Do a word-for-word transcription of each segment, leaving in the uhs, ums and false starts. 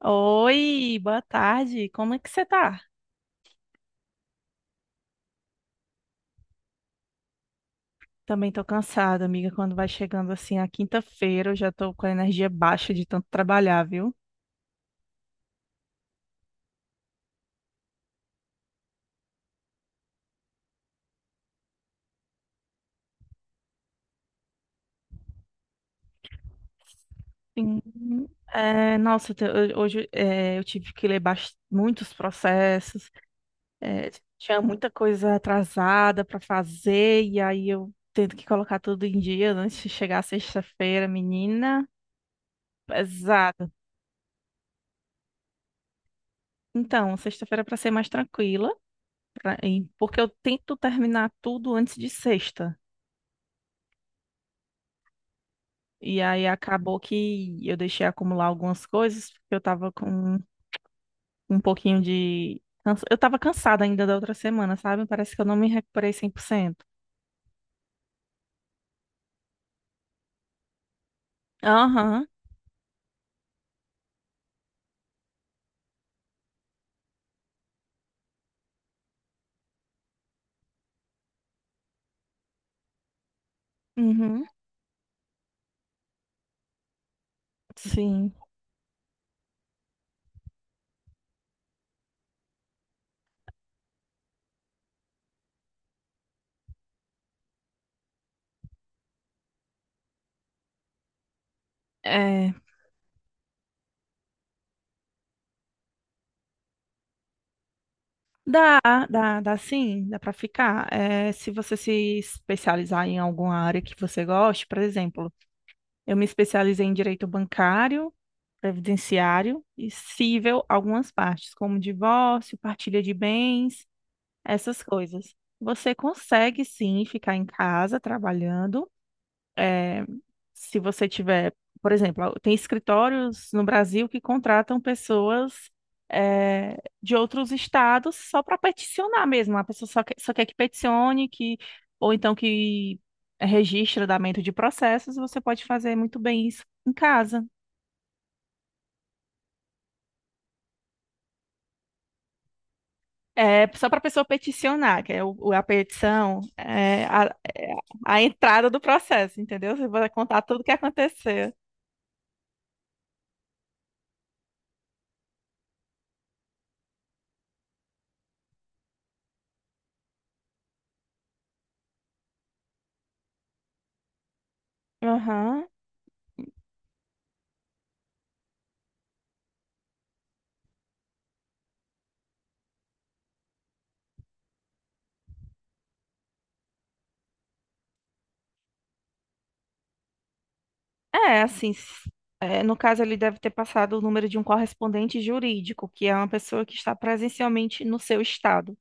Oi, boa tarde. Como é que você tá? Também tô cansada, amiga. Quando vai chegando assim a quinta-feira, eu já tô com a energia baixa de tanto trabalhar, viu? Sim. É, nossa, te- ho- hoje é, eu tive que ler bast- muitos processos, é, tinha muita coisa atrasada para fazer, e aí eu tendo que colocar tudo em dia antes de chegar a sexta-feira, menina, pesada. Então, sexta-feira é para ser mais tranquila, pra- e- porque eu tento terminar tudo antes de sexta. E aí acabou que eu deixei acumular algumas coisas, porque eu tava com um pouquinho de. cansa- Eu tava cansada ainda da outra semana, sabe? Parece que eu não me recuperei cem por cento. Aham, uhum, sim. É, dá, dá, Dá sim, dá pra ficar. É, se você se especializar em alguma área que você goste, por exemplo, eu me especializei em direito bancário, previdenciário e cível, algumas partes, como divórcio, partilha de bens, essas coisas. Você consegue sim ficar em casa trabalhando. eh, Se você tiver, por exemplo, tem escritórios no Brasil que contratam pessoas, eh, de outros estados, só para peticionar mesmo. A pessoa só quer, só quer que peticione, que, ou então que registre o andamento de processos. Você pode fazer muito bem isso em casa. É só para a pessoa peticionar, que é o, o- a petição, é a, é a entrada do processo, entendeu? Você vai contar tudo o que aconteceu. Aham. É, assim, s- é, no caso, ele deve ter passado o número de um correspondente jurídico, que é uma pessoa que está presencialmente no seu estado.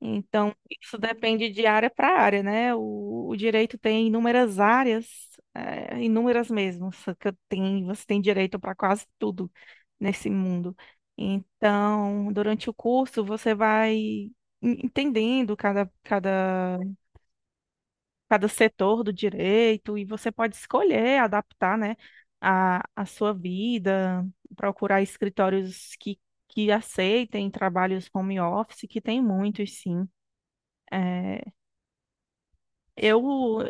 Então, isso depende de área para área, né? O, o direito tem inúmeras áreas, é, inúmeras mesmo. Só que tem, você tem direito para quase tudo nesse mundo. Então, durante o curso, você vai en- entendendo cada, cada, cada setor do direito, e você pode escolher adaptar, né, a, a sua vida, procurar escritórios que, que aceitem trabalhos home office, que tem muitos, sim. Eh, Eu,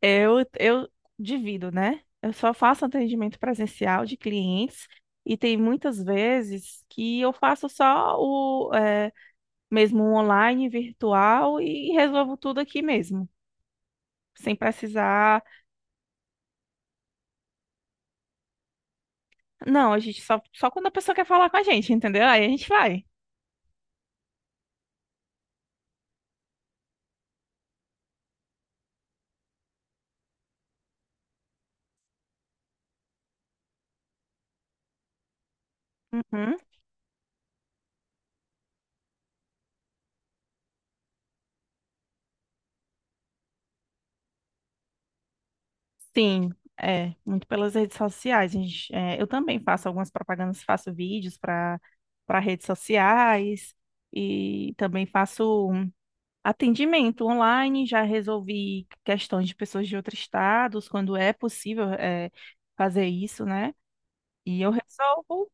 eu, eu divido, né? Eu só faço atendimento presencial de clientes, e tem muitas vezes que eu faço só o eh, mesmo um online, virtual, e resolvo tudo aqui mesmo, sem precisar. Não, a gente só, só quando a pessoa quer falar com a gente, entendeu? Aí a gente vai. Uhum. Sim, é, muito pelas redes sociais. A gente, é, eu também faço algumas propagandas, faço vídeos para para redes sociais, e também faço atendimento online. Já resolvi questões de pessoas de outros estados, quando é possível, eh, fazer isso, né? E eu resolvo,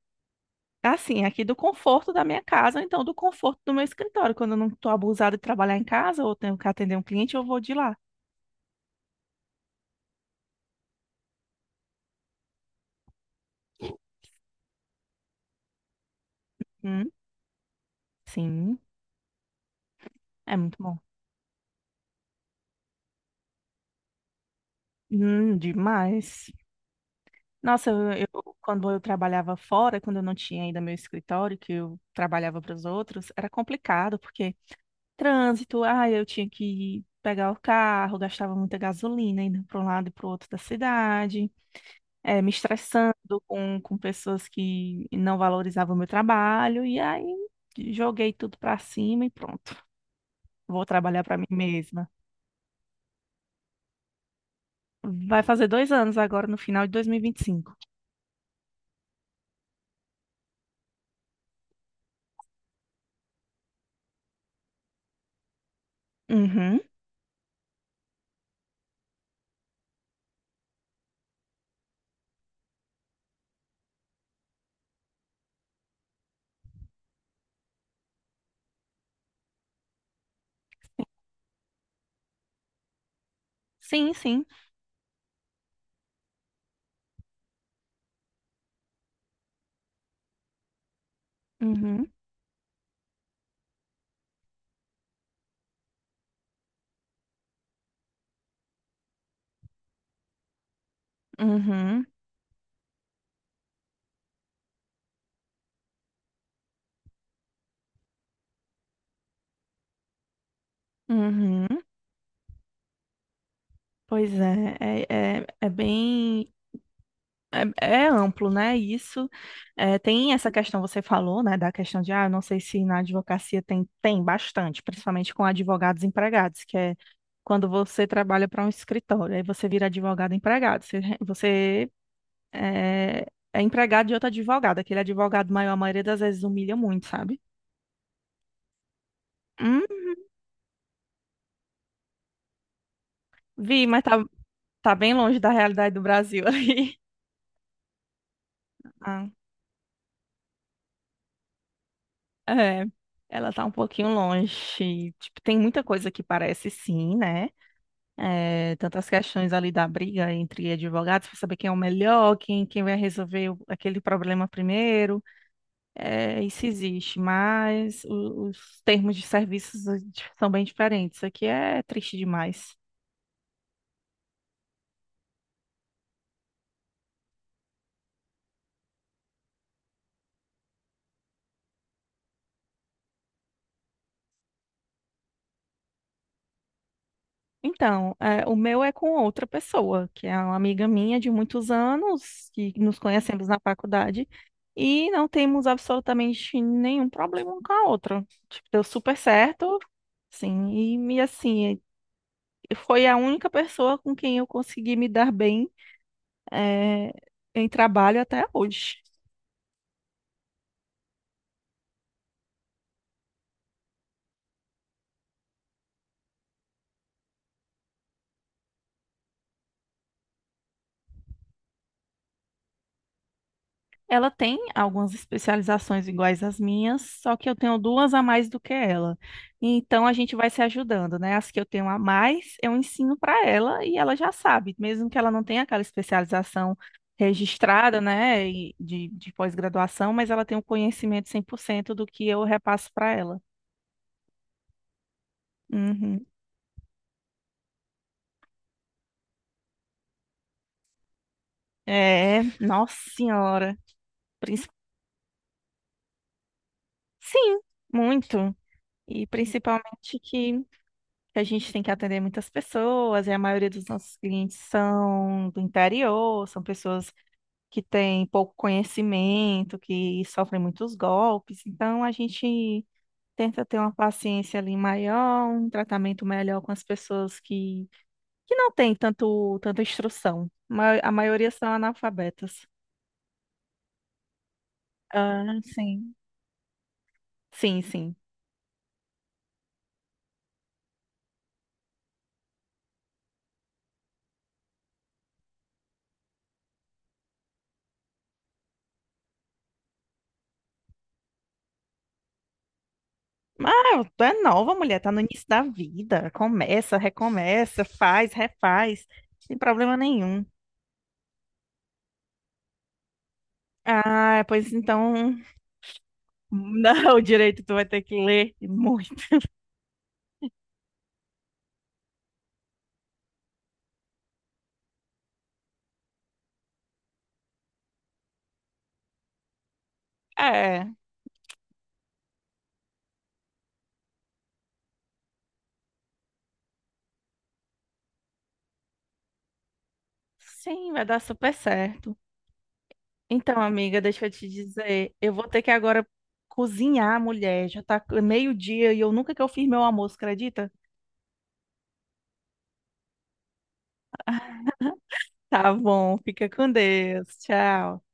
assim, aqui do conforto da minha casa, ou então do conforto do meu escritório. Quando eu não estou abusada de trabalhar em casa ou tenho que atender um cliente, eu vou de lá. Hum, sim, é muito bom. Hum, demais. Nossa, eu, eu- quando eu trabalhava fora, quando eu não tinha ainda meu escritório, que eu trabalhava para os outros, era complicado, porque trânsito, ah, eu tinha que pegar o carro, gastava muita gasolina indo para um lado e para o outro da cidade, eh, me estressando com, com pessoas que não valorizavam o meu trabalho, e aí joguei tudo para cima e pronto, vou trabalhar para mim mesma. Vai fazer dois anos agora, no final de dois mil e vinte e cinco. Uhum. Sim, sim. Uhum. Uhum. Uhum. Pois é, é, é, é bem. É, é amplo, né? Isso É, tem essa questão, você falou, né, da questão de, ah, eu não sei se na advocacia tem, tem bastante, principalmente com advogados empregados, que é quando você trabalha para um escritório, aí você vira advogado empregado, você, re- você é, é empregado de outro advogado, aquele advogado maior, a maioria das vezes humilha muito, sabe? Hum, vi, mas tá, tá bem longe da realidade do Brasil ali. Ah, é, ela tá um pouquinho longe. Tipo, tem muita coisa que parece sim, né? Eh, tantas questões ali da briga entre advogados para saber quem é o melhor, quem, quem vai resolver o- aquele problema primeiro. Eh, isso existe, mas o- os termos de serviços eh, di- são bem diferentes. Isso aqui é triste demais. Então, eh, o meu é com outra pessoa, que é uma amiga minha de muitos anos, que nos conhecemos na faculdade. E não temos absolutamente nenhum problema um com a outra. Tipo, deu super certo, sim, e, e assim, foi a única pessoa com quem eu consegui me dar bem, eh, em trabalho até hoje. Ela tem algumas especializações iguais às minhas, só que eu tenho duas a mais do que ela. Então a gente vai se ajudando, né? As que eu tenho a mais, eu ensino para ela, e ela já sabe, mesmo que ela não tenha aquela especialização registrada, né, e de, de pós-graduação, mas ela tem o conhecimento cem por cento do que eu repasso para ela. Uhum. É, nossa senhora. Sim, muito. E principalmente que a gente tem que atender muitas pessoas, e a maioria dos nossos clientes são do interior, são pessoas que têm pouco conhecimento, que sofrem muitos golpes. Então a gente tenta ter uma paciência ali maior, um tratamento melhor com as pessoas que, que não têm tanto, tanta instrução. Ma- A maioria são analfabetas. Ah, sim. Sim, sim. Ah, tu é nova, mulher, tá no início da vida. Começa, recomeça, faz, refaz. Sem problema nenhum. Ah, pois então. Não, direito, tu vai ter que ler muito. É, sim, vai dar super certo. Então, amiga, deixa eu te dizer, eu vou ter que agora cozinhar, mulher. Já tá meio-dia e eu nunca que eu fiz meu almoço, acredita? Tá bom, fica com Deus. Tchau.